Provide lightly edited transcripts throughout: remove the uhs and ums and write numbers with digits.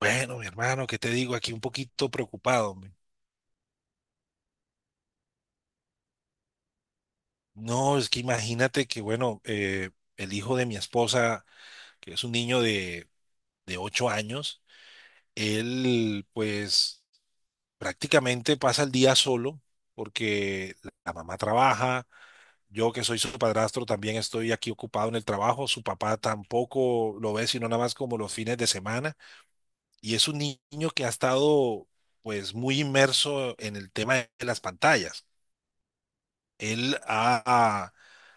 Bueno, mi hermano, ¿qué te digo? Aquí un poquito preocupado, hombre. No, es que imagínate que, bueno, el hijo de mi esposa, que es un niño de 8 años. Él pues prácticamente pasa el día solo porque la mamá trabaja, yo que soy su padrastro también estoy aquí ocupado en el trabajo, su papá tampoco lo ve sino nada más como los fines de semana, y es un niño que ha estado pues muy inmerso en el tema de las pantallas. Él ha,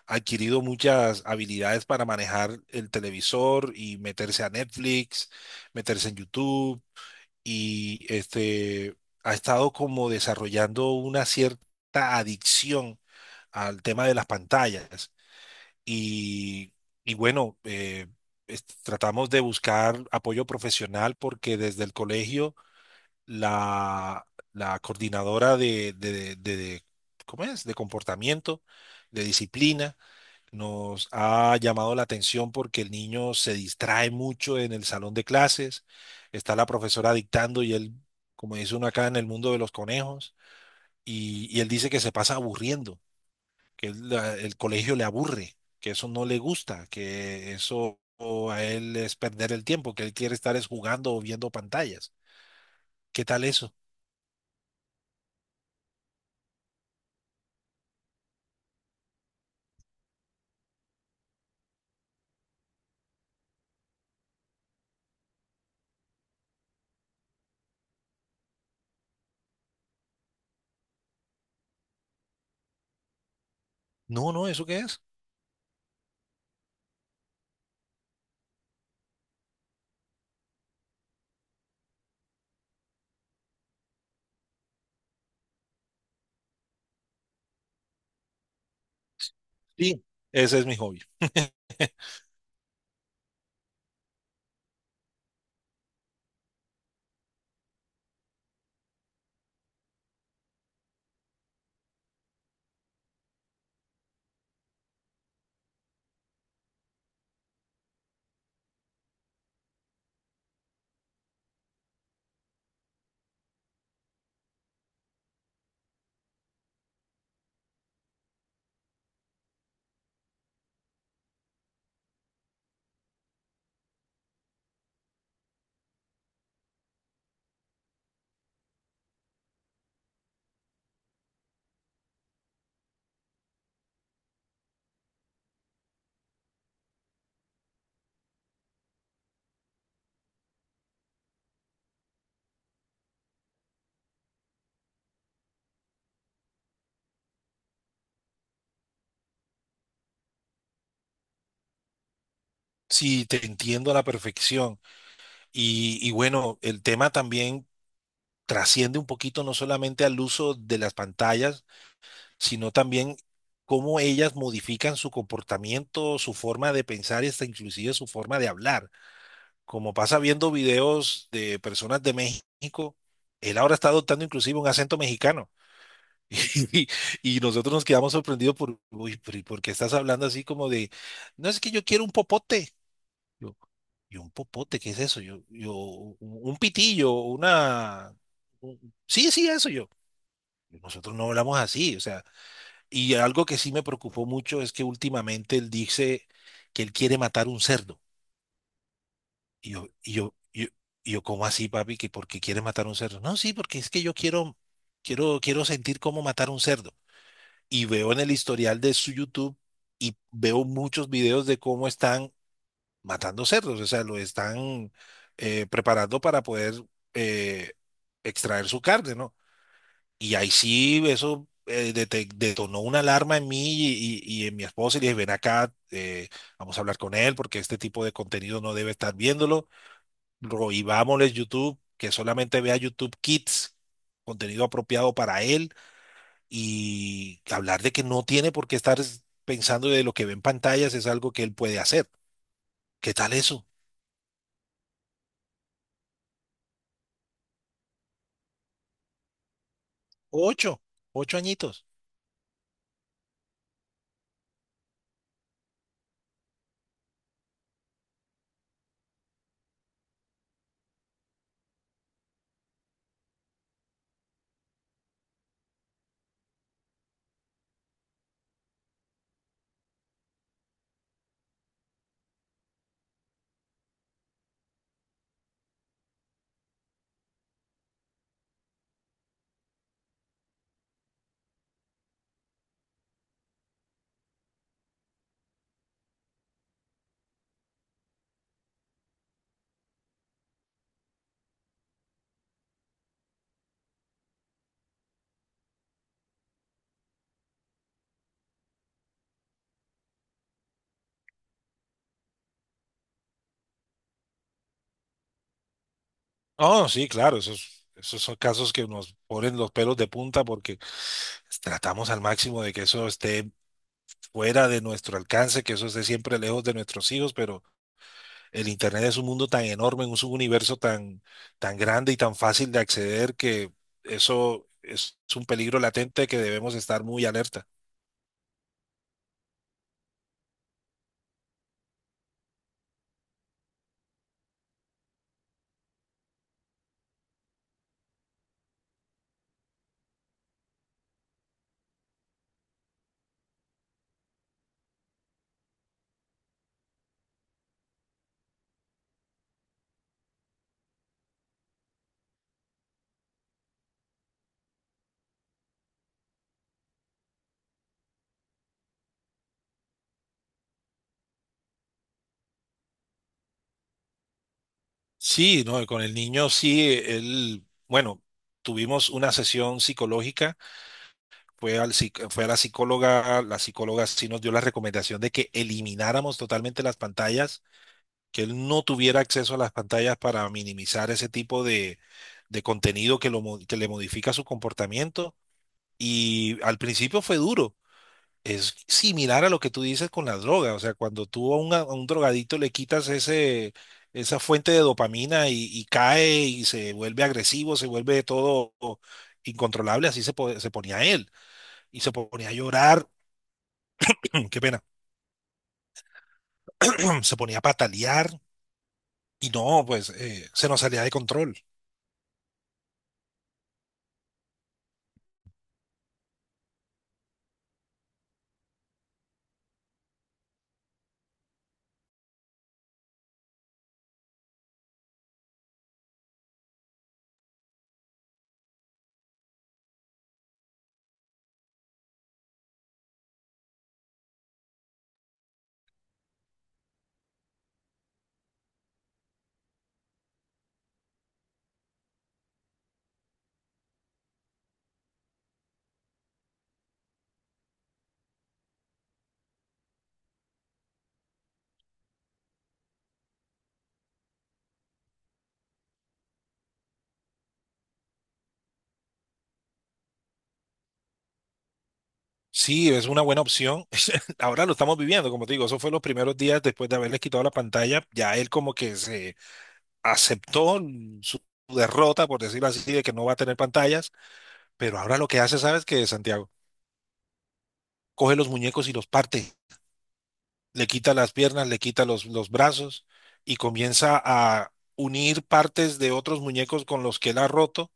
Ha adquirido muchas habilidades para manejar el televisor y meterse a Netflix, meterse en YouTube y este, ha estado como desarrollando una cierta adicción al tema de las pantallas. Y, y bueno, tratamos de buscar apoyo profesional porque desde el colegio la, la coordinadora de ¿cómo es? De comportamiento, de disciplina, nos ha llamado la atención porque el niño se distrae mucho en el salón de clases, está la profesora dictando y él, como dice uno acá en el mundo de los conejos, y él dice que se pasa aburriendo, que el colegio le aburre, que eso no le gusta, que eso a él es perder el tiempo, que él quiere estar es jugando o viendo pantallas. ¿Qué tal eso? No, no, ¿eso qué es? Sí, ese es mi hobby. Sí, te entiendo a la perfección. Y bueno, el tema también trasciende un poquito no solamente al uso de las pantallas, sino también cómo ellas modifican su comportamiento, su forma de pensar y hasta inclusive su forma de hablar. Como pasa viendo videos de personas de México, él ahora está adoptando inclusive un acento mexicano. Y nosotros nos quedamos sorprendidos por, uy, pero ¿y por qué estás hablando así como de, no es que yo quiero un popote? Yo, y un popote, ¿qué es eso? Un pitillo, una... Sí, sí, eso yo. Nosotros no hablamos así, o sea, y algo que sí me preocupó mucho es que últimamente él dice que él quiere matar un cerdo. Y yo, y yo, yo, y yo, ¿cómo así, papi? ¿Que por qué quiere matar un cerdo? No, sí, porque es que yo quiero sentir cómo matar un cerdo. Y veo en el historial de su YouTube y veo muchos videos de cómo están matando cerdos, o sea, lo están preparando para poder eh, extraer su carne, ¿no? Y ahí sí, eso detonó una alarma en mí y en mi esposa, y le dije, ven acá, vamos a hablar con él porque este tipo de contenido no debe estar viéndolo. Prohibámosle YouTube, que solamente vea YouTube Kids, contenido apropiado para él, y hablar de que no tiene por qué estar pensando de lo que ve en pantallas es algo que él puede hacer. ¿Qué tal eso? Ocho, ocho añitos. Oh, sí, claro, esos, esos son casos que nos ponen los pelos de punta porque tratamos al máximo de que eso esté fuera de nuestro alcance, que eso esté siempre lejos de nuestros hijos, pero el Internet es un mundo tan enorme, un subuniverso tan, tan grande y tan fácil de acceder que eso es un peligro latente que debemos estar muy alerta. Sí, no, con el niño sí, él, bueno, tuvimos una sesión psicológica, fue a la psicóloga sí nos dio la recomendación de que elimináramos totalmente las pantallas, que él no tuviera acceso a las pantallas para minimizar ese tipo de contenido que le modifica su comportamiento. Y al principio fue duro. Es similar a lo que tú dices con la droga. O sea, cuando tú a a un drogadito le quitas esa fuente de dopamina y cae y se vuelve agresivo, se vuelve todo incontrolable, se ponía él y se ponía a llorar, qué pena, se ponía a patalear y no, pues se nos salía de control. Sí, es una buena opción. Ahora lo estamos viviendo, como te digo, eso fue los primeros días después de haberles quitado la pantalla. Ya él como que se aceptó su derrota, por decirlo así, de que no va a tener pantallas. Pero ahora lo que hace, ¿sabes qué, Santiago? Coge los muñecos y los parte. Le quita las piernas, le quita los brazos y comienza a unir partes de otros muñecos con los que él ha roto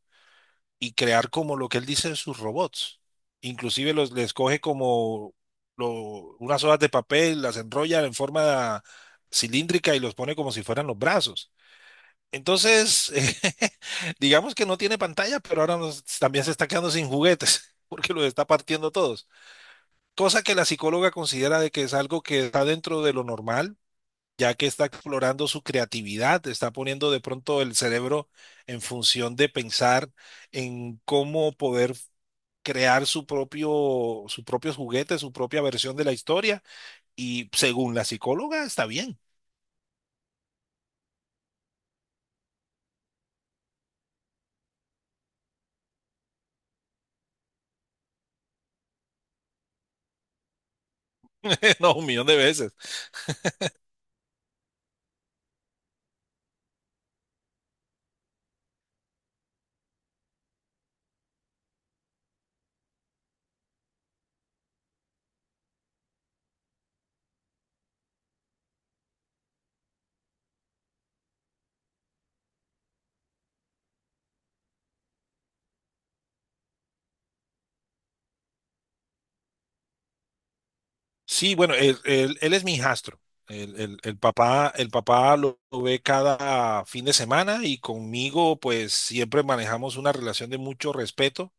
y crear como lo que él dice sus robots. Inclusive les coge como unas hojas de papel, las enrolla en forma cilíndrica y los pone como si fueran los brazos. Entonces, digamos que no tiene pantalla, pero también se está quedando sin juguetes porque los está partiendo todos. Cosa que la psicóloga considera de que es algo que está dentro de lo normal, ya que está explorando su creatividad, está poniendo de pronto el cerebro en función de pensar en cómo poder crear su propio juguete, su propia versión de la historia. Y según la psicóloga, está bien. No, 1 millón de veces. Sí, bueno, él es mi hijastro. El el papá lo ve cada fin de semana, y conmigo pues siempre manejamos una relación de mucho respeto,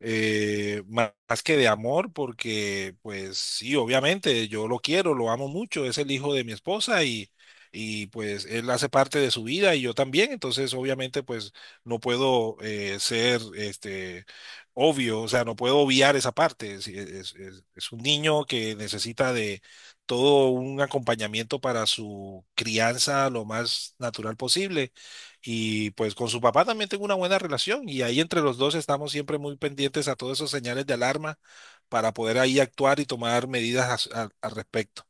más que de amor, porque pues sí, obviamente yo lo quiero, lo amo mucho, es el hijo de mi esposa, y pues él hace parte de su vida y yo también, entonces obviamente pues no puedo ser este obvio, o sea, no puedo obviar esa parte. Es es un niño que necesita de todo un acompañamiento para su crianza lo más natural posible. Y pues con su papá también tengo una buena relación y ahí entre los dos estamos siempre muy pendientes a todos esos señales de alarma para poder ahí actuar y tomar medidas al respecto.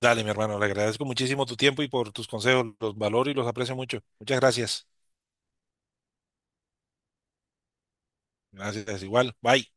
Dale, mi hermano, le agradezco muchísimo tu tiempo y por tus consejos, los valoro y los aprecio mucho. Muchas gracias. Gracias, igual. Bye.